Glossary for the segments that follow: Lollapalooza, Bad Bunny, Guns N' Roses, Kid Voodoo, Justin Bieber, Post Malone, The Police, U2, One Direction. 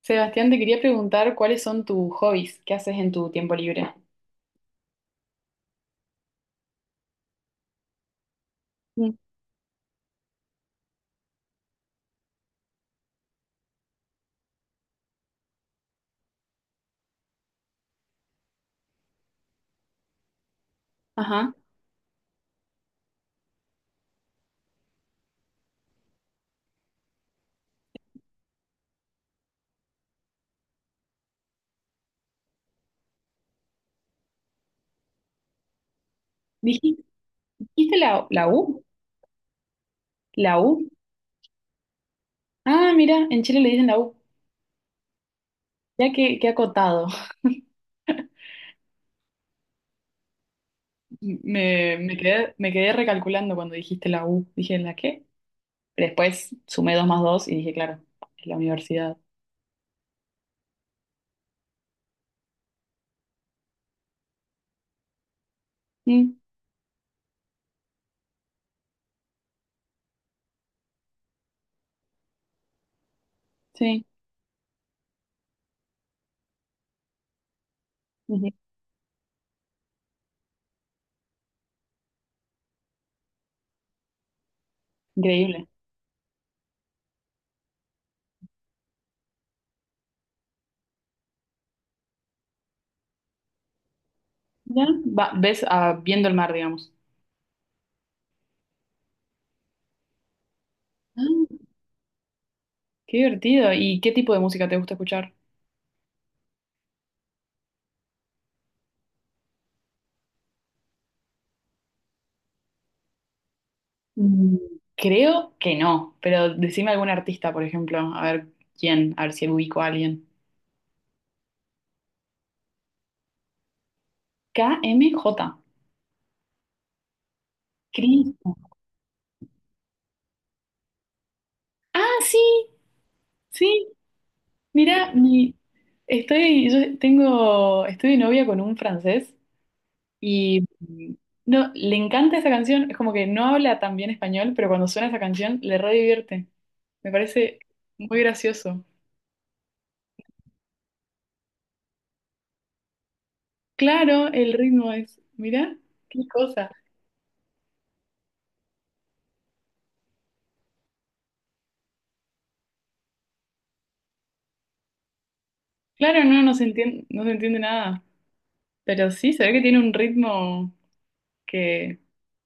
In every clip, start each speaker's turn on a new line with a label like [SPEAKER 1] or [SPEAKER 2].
[SPEAKER 1] Sebastián, te quería preguntar cuáles son tus hobbies, qué haces en tu tiempo libre. Mm. Ajá. ¿Dijiste, dijiste la U? ¿La U? Ah, mira, en Chile le dicen la U. Ya que acotado. Me quedé recalculando cuando dijiste la U. Dije, ¿la qué? Después sumé dos más dos y dije, claro, es la universidad. Mm, sí. Ujú. Increíble. Ya, ves viendo el mar, digamos. Ah, qué divertido. ¿Y qué tipo de música te gusta escuchar? Mm, Creo que no, pero decime algún artista, por ejemplo, a ver quién, a ver si ubico a alguien. K M J. Cristo. Ah, sí, sí. Mira, mi, estoy, yo tengo, estoy de novia con un francés y no, le encanta esa canción. Es como que no habla tan bien español, pero cuando suena esa canción le re divierte. Me parece muy gracioso. Claro, el ritmo es, mira, qué cosa. Claro, no, no se entiende, no se entiende nada. Pero sí, se ve que tiene un ritmo que,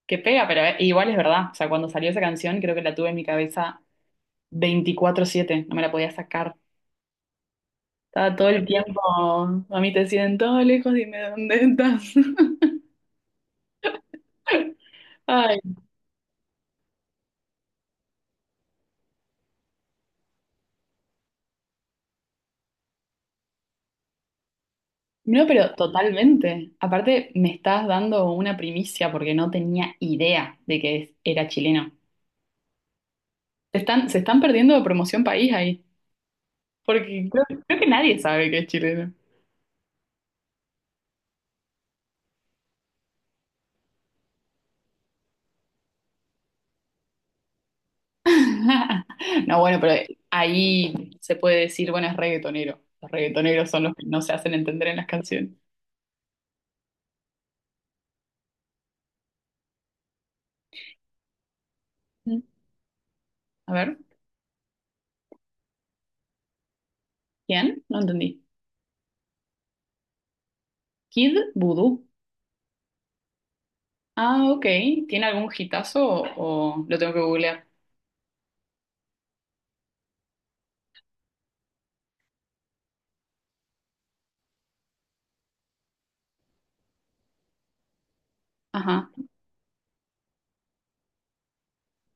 [SPEAKER 1] que pega, pero igual es verdad. O sea, cuando salió esa canción, creo que la tuve en mi cabeza 24/7, no me la podía sacar. Estaba todo el tiempo, a mí te siento lejos, dime dónde estás. Ay, no, pero totalmente. Aparte, me estás dando una primicia porque no tenía idea de que era chileno. Se están perdiendo de promoción país ahí, porque creo que nadie sabe que es chileno. No, bueno, pero ahí se puede decir, bueno, es reggaetonero. Los reggaetoneros son los que no se hacen entender en las canciones. Mm. A ver, ¿quién? No entendí. Kid Voodoo. Ah, ok. ¿Tiene algún hitazo o lo tengo que googlear? Ajá,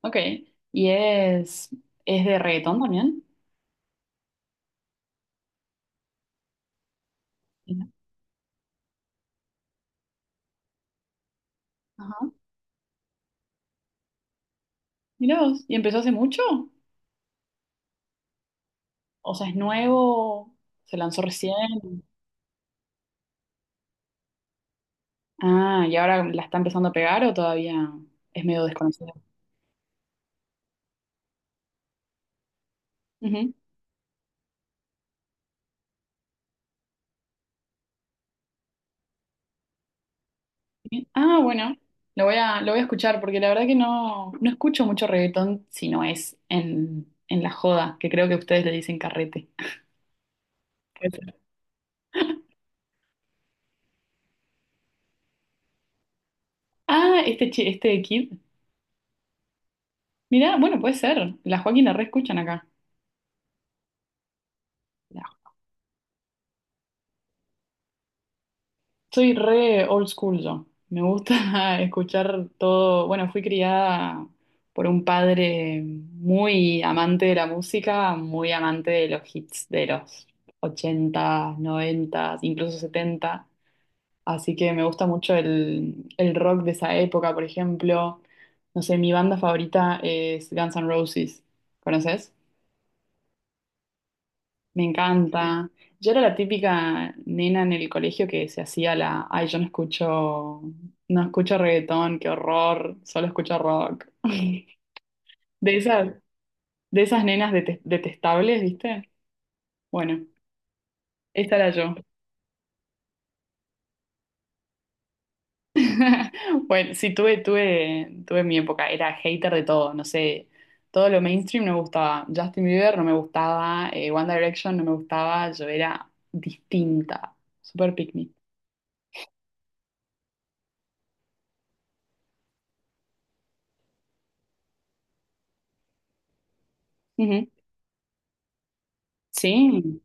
[SPEAKER 1] ok. ¿Y es de reggaetón también? Mira. Ajá, mira vos. ¿Y empezó hace mucho? O sea, ¿es nuevo? ¿Se lanzó recién? Ah, ¿y ahora la está empezando a pegar o todavía es medio desconocido? Ujú. Ah, bueno, lo voy a escuchar porque la verdad que no escucho mucho reggaetón si no es en la joda, que creo que ustedes le dicen carrete. Puede ser. Ah, este, este kid. Mirá, bueno, puede ser. La Joaquín la re escuchan acá. La- Soy re old school yo. Me gusta escuchar todo. Bueno, fui criada por un padre muy amante de la música, muy amante de los hits de los 80, 90, incluso 70. Así que me gusta mucho el rock de esa época, por ejemplo. No sé, mi banda favorita es Guns N' Roses. ¿Conoces? Me, sí, encanta. Yo era la típica nena en el colegio que se hacía la, ay, yo no escucho reggaetón, qué horror, solo escucho rock. De esas, de esas nenas detestables, ¿viste? Bueno, esta era yo. Bueno, sí, tuve mi época, era hater de todo, no sé, todo lo mainstream no me gustaba, Justin Bieber no me gustaba, One Direction no me gustaba, yo era distinta, super pick me. Ujú. Sí.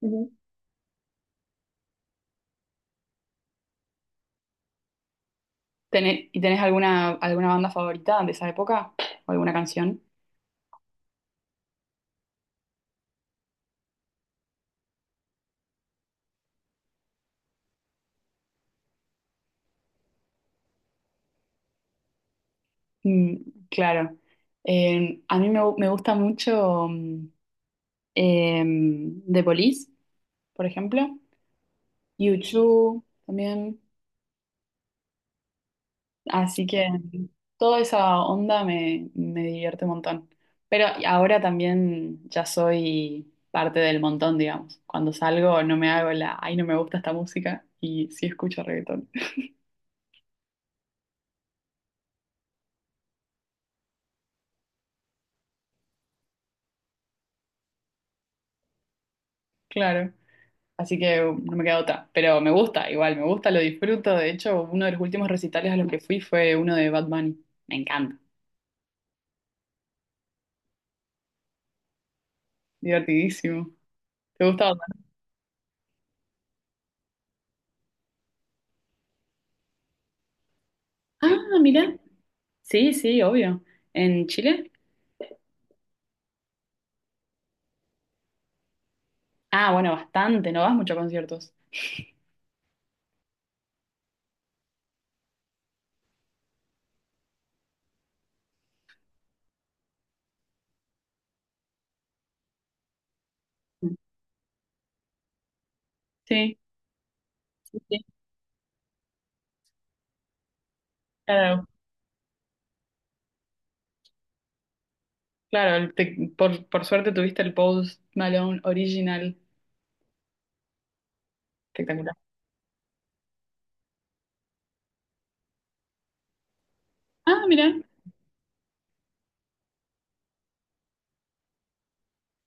[SPEAKER 1] Ujú. ¿Y tenés alguna banda favorita de esa época? ¿O alguna canción? Mm, claro. A mí me gusta mucho The Police, por ejemplo, U2 también. Así que toda esa onda me divierte un montón. Pero ahora también ya soy parte del montón, digamos. Cuando salgo no me hago la, ay, no me gusta esta música y sí escucho reggaetón. Claro. Así que no me queda otra. Pero me gusta, igual, me gusta, lo disfruto. De hecho, uno de los últimos recitales a los que fui fue uno de Bad Bunny. Me encanta. Divertidísimo. ¿Te gusta Bad Bunny? Ah, mira. Sí, sí, obvio. ¿En Chile? Ah, bueno, bastante. No vas mucho a conciertos. Sí, sí, sí, claro, claro, por suerte tuviste el Post Malone original, espectacular. Ah, mira.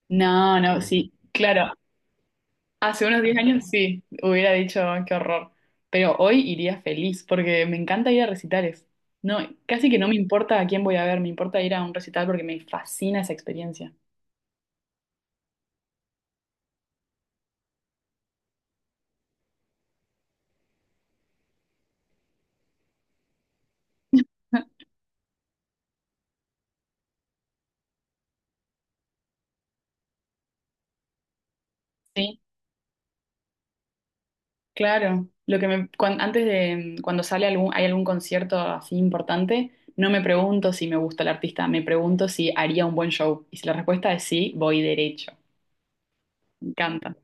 [SPEAKER 1] No, no, sí, claro, hace unos 10 años sí, hubiera dicho, "Ah, qué horror", pero hoy iría feliz porque me encanta ir a recitales. No, casi que no me importa a quién voy a ver, me importa ir a un recital porque me fascina esa experiencia. Sí. Claro, lo que me, antes de cuando sale algún, hay algún concierto así importante, no me pregunto si me gusta el artista, me pregunto si haría un buen show. Y si la respuesta es sí, voy derecho. Me encanta.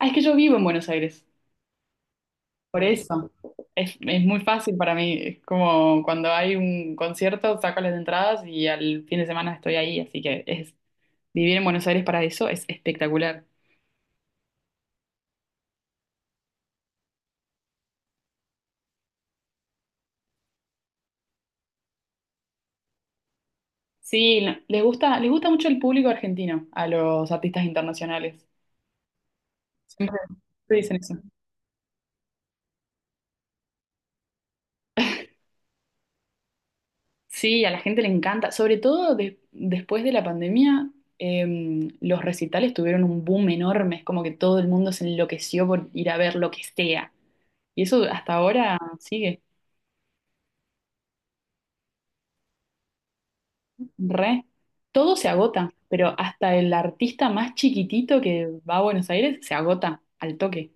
[SPEAKER 1] Ah, es que yo vivo en Buenos Aires, por eso. Es muy fácil para mí. Es como cuando hay un concierto, saco las entradas y al fin de semana estoy ahí. Así que vivir en Buenos Aires para eso es espectacular. Sí, no, les gusta mucho el público argentino a los artistas internacionales. Siempre dicen eso. Sí, a la gente le encanta, sobre todo después de la pandemia. Em, los recitales tuvieron un boom enorme, es como que todo el mundo se enloqueció por ir a ver lo que sea. Y eso hasta ahora sigue, re. Todo se agota, pero hasta el artista más chiquitito que va a Buenos Aires se agota al toque.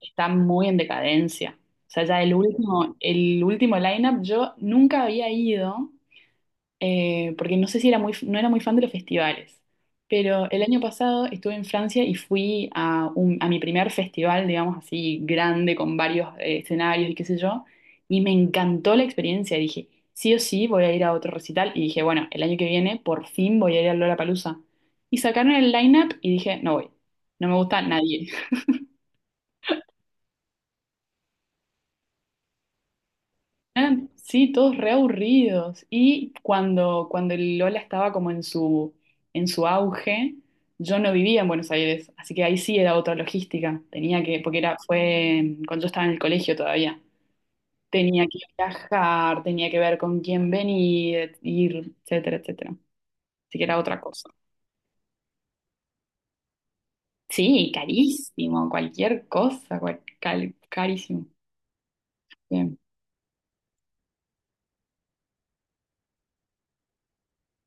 [SPEAKER 1] Está muy en decadencia. O sea, ya el último lineup yo nunca había ido. Porque no sé si era muy, no era muy fan de los festivales, pero el año pasado estuve en Francia y fui a mi primer festival, digamos así, grande, con varios escenarios y qué sé yo, y me encantó la experiencia. Dije, sí o sí voy a ir a otro recital, y dije, bueno, el año que viene por fin voy a ir a Lollapalooza. Y sacaron el line-up y dije, no voy, no me gusta nadie. Eran, sí, todos reaburridos. Y cuando el Lola estaba como en su auge, yo no vivía en Buenos Aires, así que ahí sí era otra logística. Tenía que, porque era, fue cuando yo estaba en el colegio todavía. Tenía que viajar, tenía que ver con quién venir, ir, etcétera, etcétera. Así que era otra cosa. Sí, carísimo, cualquier cosa, carísimo. Bien.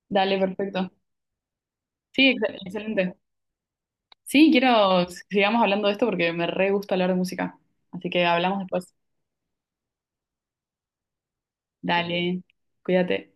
[SPEAKER 1] Dale, perfecto. Sí, excelente. Sí, quiero, sigamos hablando de esto porque me re gusta hablar de música. Así que hablamos después. Dale, cuídate.